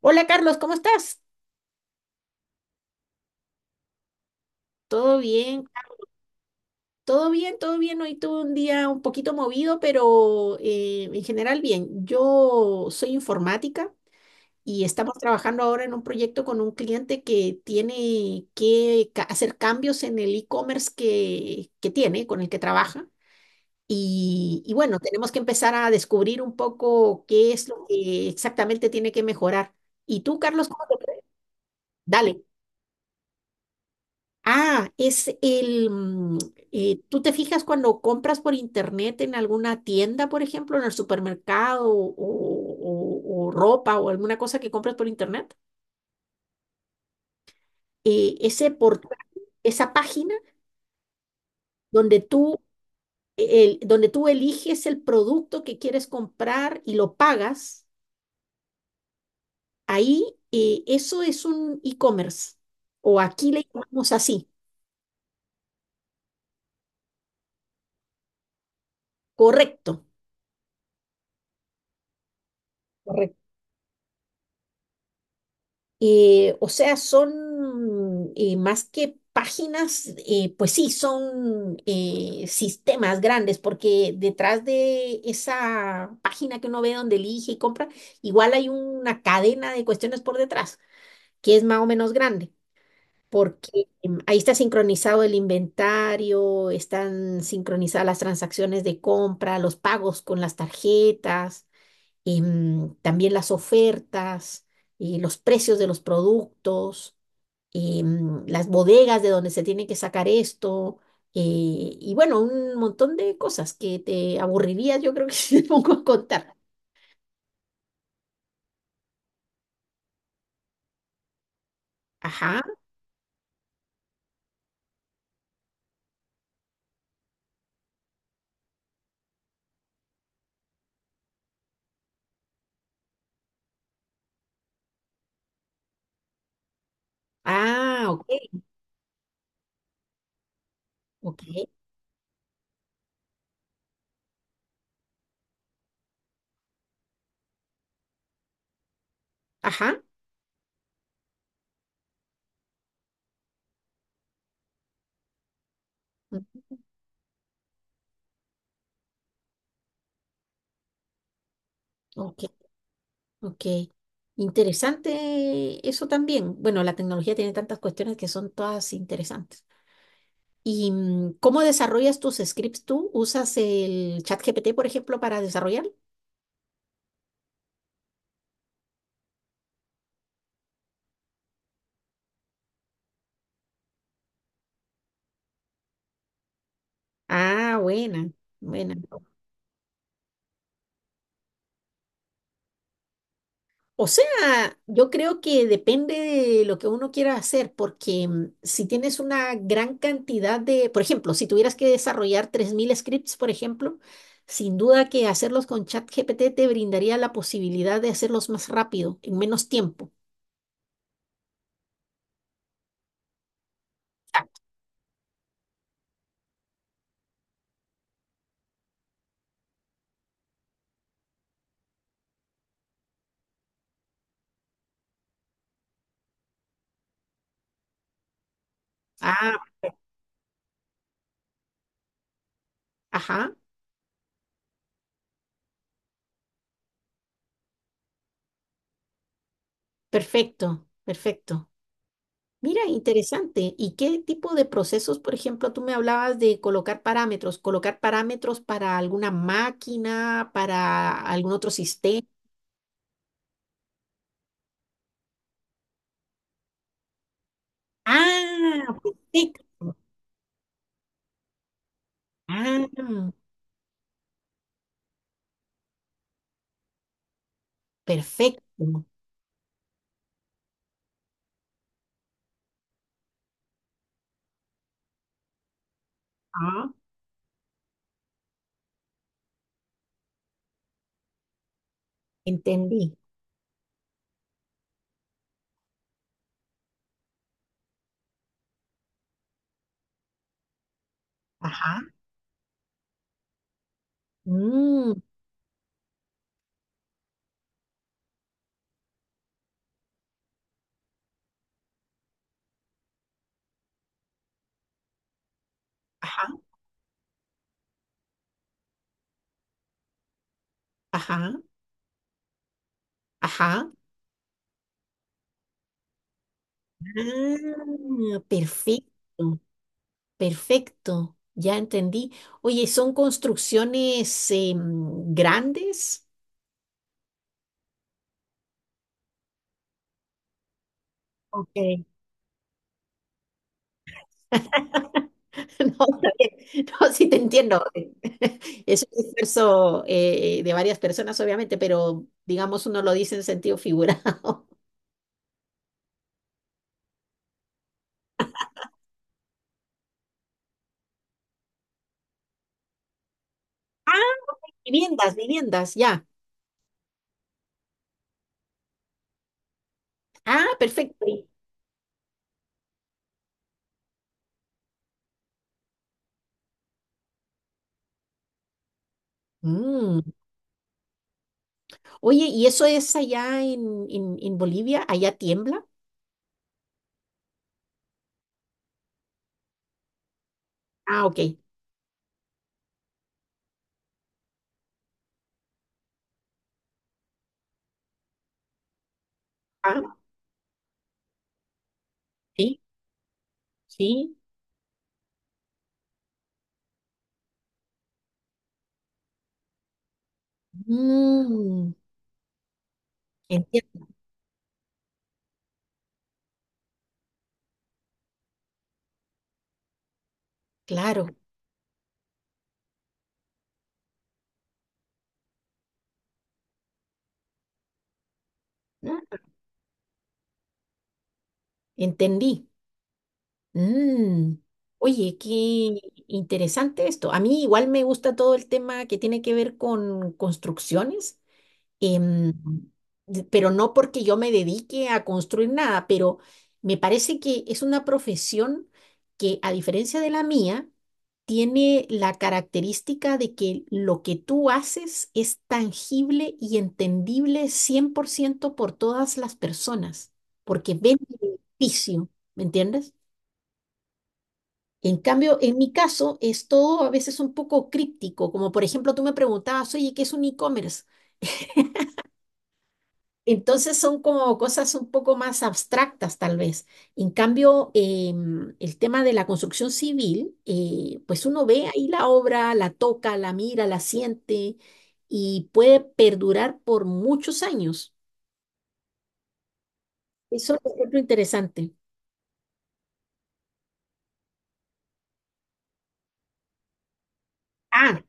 Hola Carlos, ¿cómo estás? ¿Todo bien? Todo bien, todo bien. Hoy tuve un día un poquito movido, pero en general bien. Yo soy informática y estamos trabajando ahora en un proyecto con un cliente que tiene que hacer cambios en el e-commerce que tiene, con el que trabaja. Y bueno, tenemos que empezar a descubrir un poco qué es lo que exactamente tiene que mejorar. ¿Y tú, Carlos, cómo te fue? Dale. Ah, es el, ¿tú te fijas cuando compras por internet en alguna tienda, por ejemplo, en el supermercado o ropa o alguna cosa que compras por internet? Ese portal, esa página donde tú eliges el producto que quieres comprar y lo pagas, ahí eso es un e-commerce. O aquí le llamamos así. Correcto. Correcto. O sea, son más que páginas, pues sí, son sistemas grandes, porque detrás de esa página que uno ve donde elige y compra, igual hay una cadena de cuestiones por detrás, que es más o menos grande, porque ahí está sincronizado el inventario, están sincronizadas las transacciones de compra, los pagos con las tarjetas, también las ofertas, los precios de los productos, las bodegas de donde se tiene que sacar esto, eh, y bueno, un montón de cosas que te aburriría, yo creo que si te pongo a contar. Ajá, ah, ok, ok, ajá, mm, ok, ok. Interesante eso también. Bueno, la tecnología tiene tantas cuestiones que son todas interesantes. ¿Y cómo desarrollas tus scripts tú? ¿Usas el ChatGPT, por ejemplo, para desarrollar? Ah, buena, buena. O sea, yo creo que depende de lo que uno quiera hacer, porque si tienes una gran cantidad de, por ejemplo, si tuvieras que desarrollar 3000 scripts, por ejemplo, sin duda que hacerlos con ChatGPT te brindaría la posibilidad de hacerlos más rápido, en menos tiempo. Ah, ajá, perfecto, perfecto. Mira, interesante. ¿Y qué tipo de procesos, por ejemplo, tú me hablabas de colocar parámetros para alguna máquina, para algún otro sistema? Ah, perfecto. Ah, perfecto. Ah, entendí. Ajá. Mm, ajá, ajá, ajá. Ah, perfecto, perfecto. Ya entendí. Oye, ¿son construcciones grandes? Ok. No, está bien. No, sí te entiendo. Es un esfuerzo de varias personas, obviamente, pero digamos uno lo dice en sentido figurado. Ah, viviendas, viviendas, ya. Ah, perfecto. Mm. Oye, ¿y eso es allá en Bolivia? ¿Allá tiembla? Ah, ok. Ah, sí, sí. Mm, entiendo, claro. Ah, entendí. Mm. Oye, qué interesante esto. A mí igual me gusta todo el tema que tiene que ver con construcciones, em, pero no porque yo me dedique a construir nada, pero me parece que es una profesión que, a diferencia de la mía, tiene la característica de que lo que tú haces es tangible y entendible 100% por ciento por todas las personas, porque ven el beneficio, ¿me entiendes? En cambio, en mi caso, es todo a veces un poco críptico, como por ejemplo tú me preguntabas, oye, ¿qué es un e-commerce? Entonces son como cosas un poco más abstractas tal vez. En cambio, el tema de la construcción civil, pues uno ve ahí la obra, la toca, la mira, la siente y puede perdurar por muchos años. Eso lo encuentro interesante. Ah,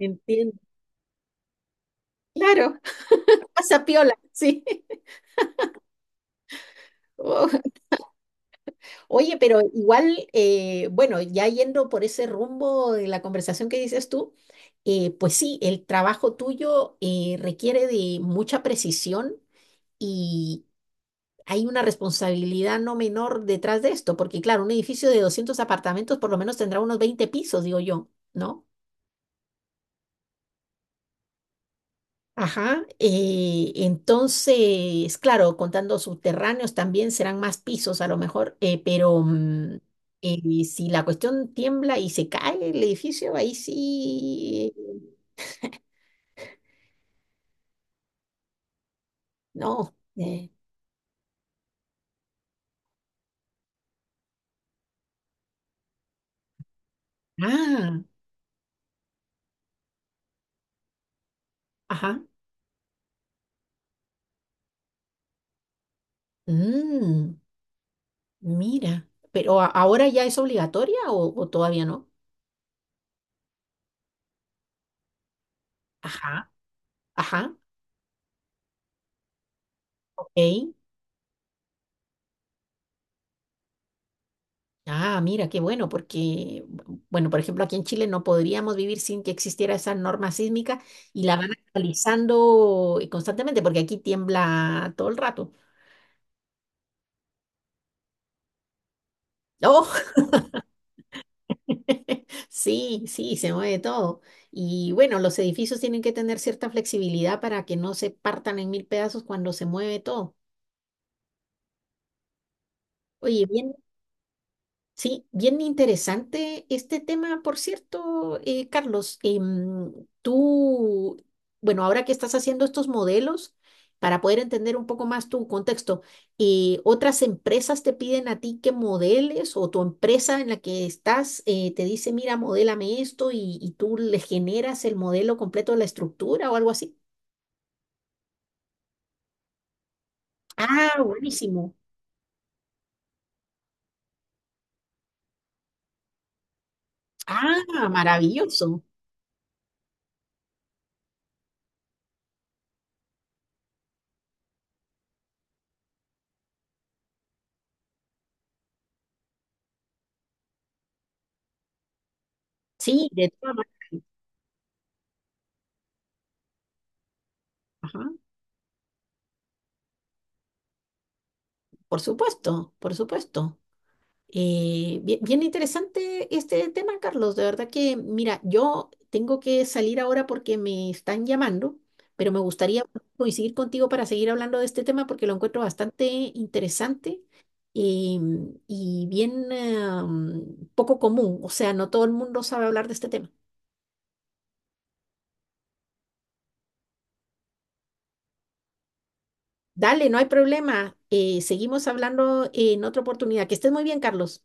entiendo. Claro, pasa piola, sí. Oh. Oye, pero igual, bueno, ya yendo por ese rumbo de la conversación que dices tú, pues sí, el trabajo tuyo requiere de mucha precisión y hay una responsabilidad no menor detrás de esto, porque claro, un edificio de 200 apartamentos por lo menos tendrá unos 20 pisos, digo yo, ¿no? Ajá, entonces, claro, contando subterráneos también serán más pisos a lo mejor, pero si la cuestión tiembla y se cae el edificio, ahí sí, no. Ah, ajá, mm, mira, pero ahora ya es obligatoria o todavía no? Ajá, ajá, ok, ah, mira, qué bueno, porque, bueno, por ejemplo, aquí en Chile no podríamos vivir sin que existiera esa norma sísmica y la van actualizando constantemente, porque aquí tiembla todo el rato. ¡Oh! Sí, sí, se mueve todo. Y bueno, los edificios tienen que tener cierta flexibilidad para que no se partan en mil pedazos cuando se mueve todo. Oye, bien. Sí, bien interesante este tema, por cierto, Carlos. Tú, bueno, ahora que estás haciendo estos modelos, para poder entender un poco más tu contexto, ¿otras empresas te piden a ti que modeles o tu empresa en la que estás te dice, mira, modélame esto y tú le generas el modelo completo de la estructura o algo así? Ah, buenísimo. Ah, maravilloso. Sí, de todas maneras. Ajá, por supuesto, por supuesto. Bien, bien interesante este tema, Carlos. De verdad que, mira, yo tengo que salir ahora porque me están llamando, pero me gustaría coincidir contigo para seguir hablando de este tema porque lo encuentro bastante interesante eh, y bien poco común. O sea, no todo el mundo sabe hablar de este tema. Dale, no hay problema. Seguimos hablando en otra oportunidad. Que estés muy bien, Carlos.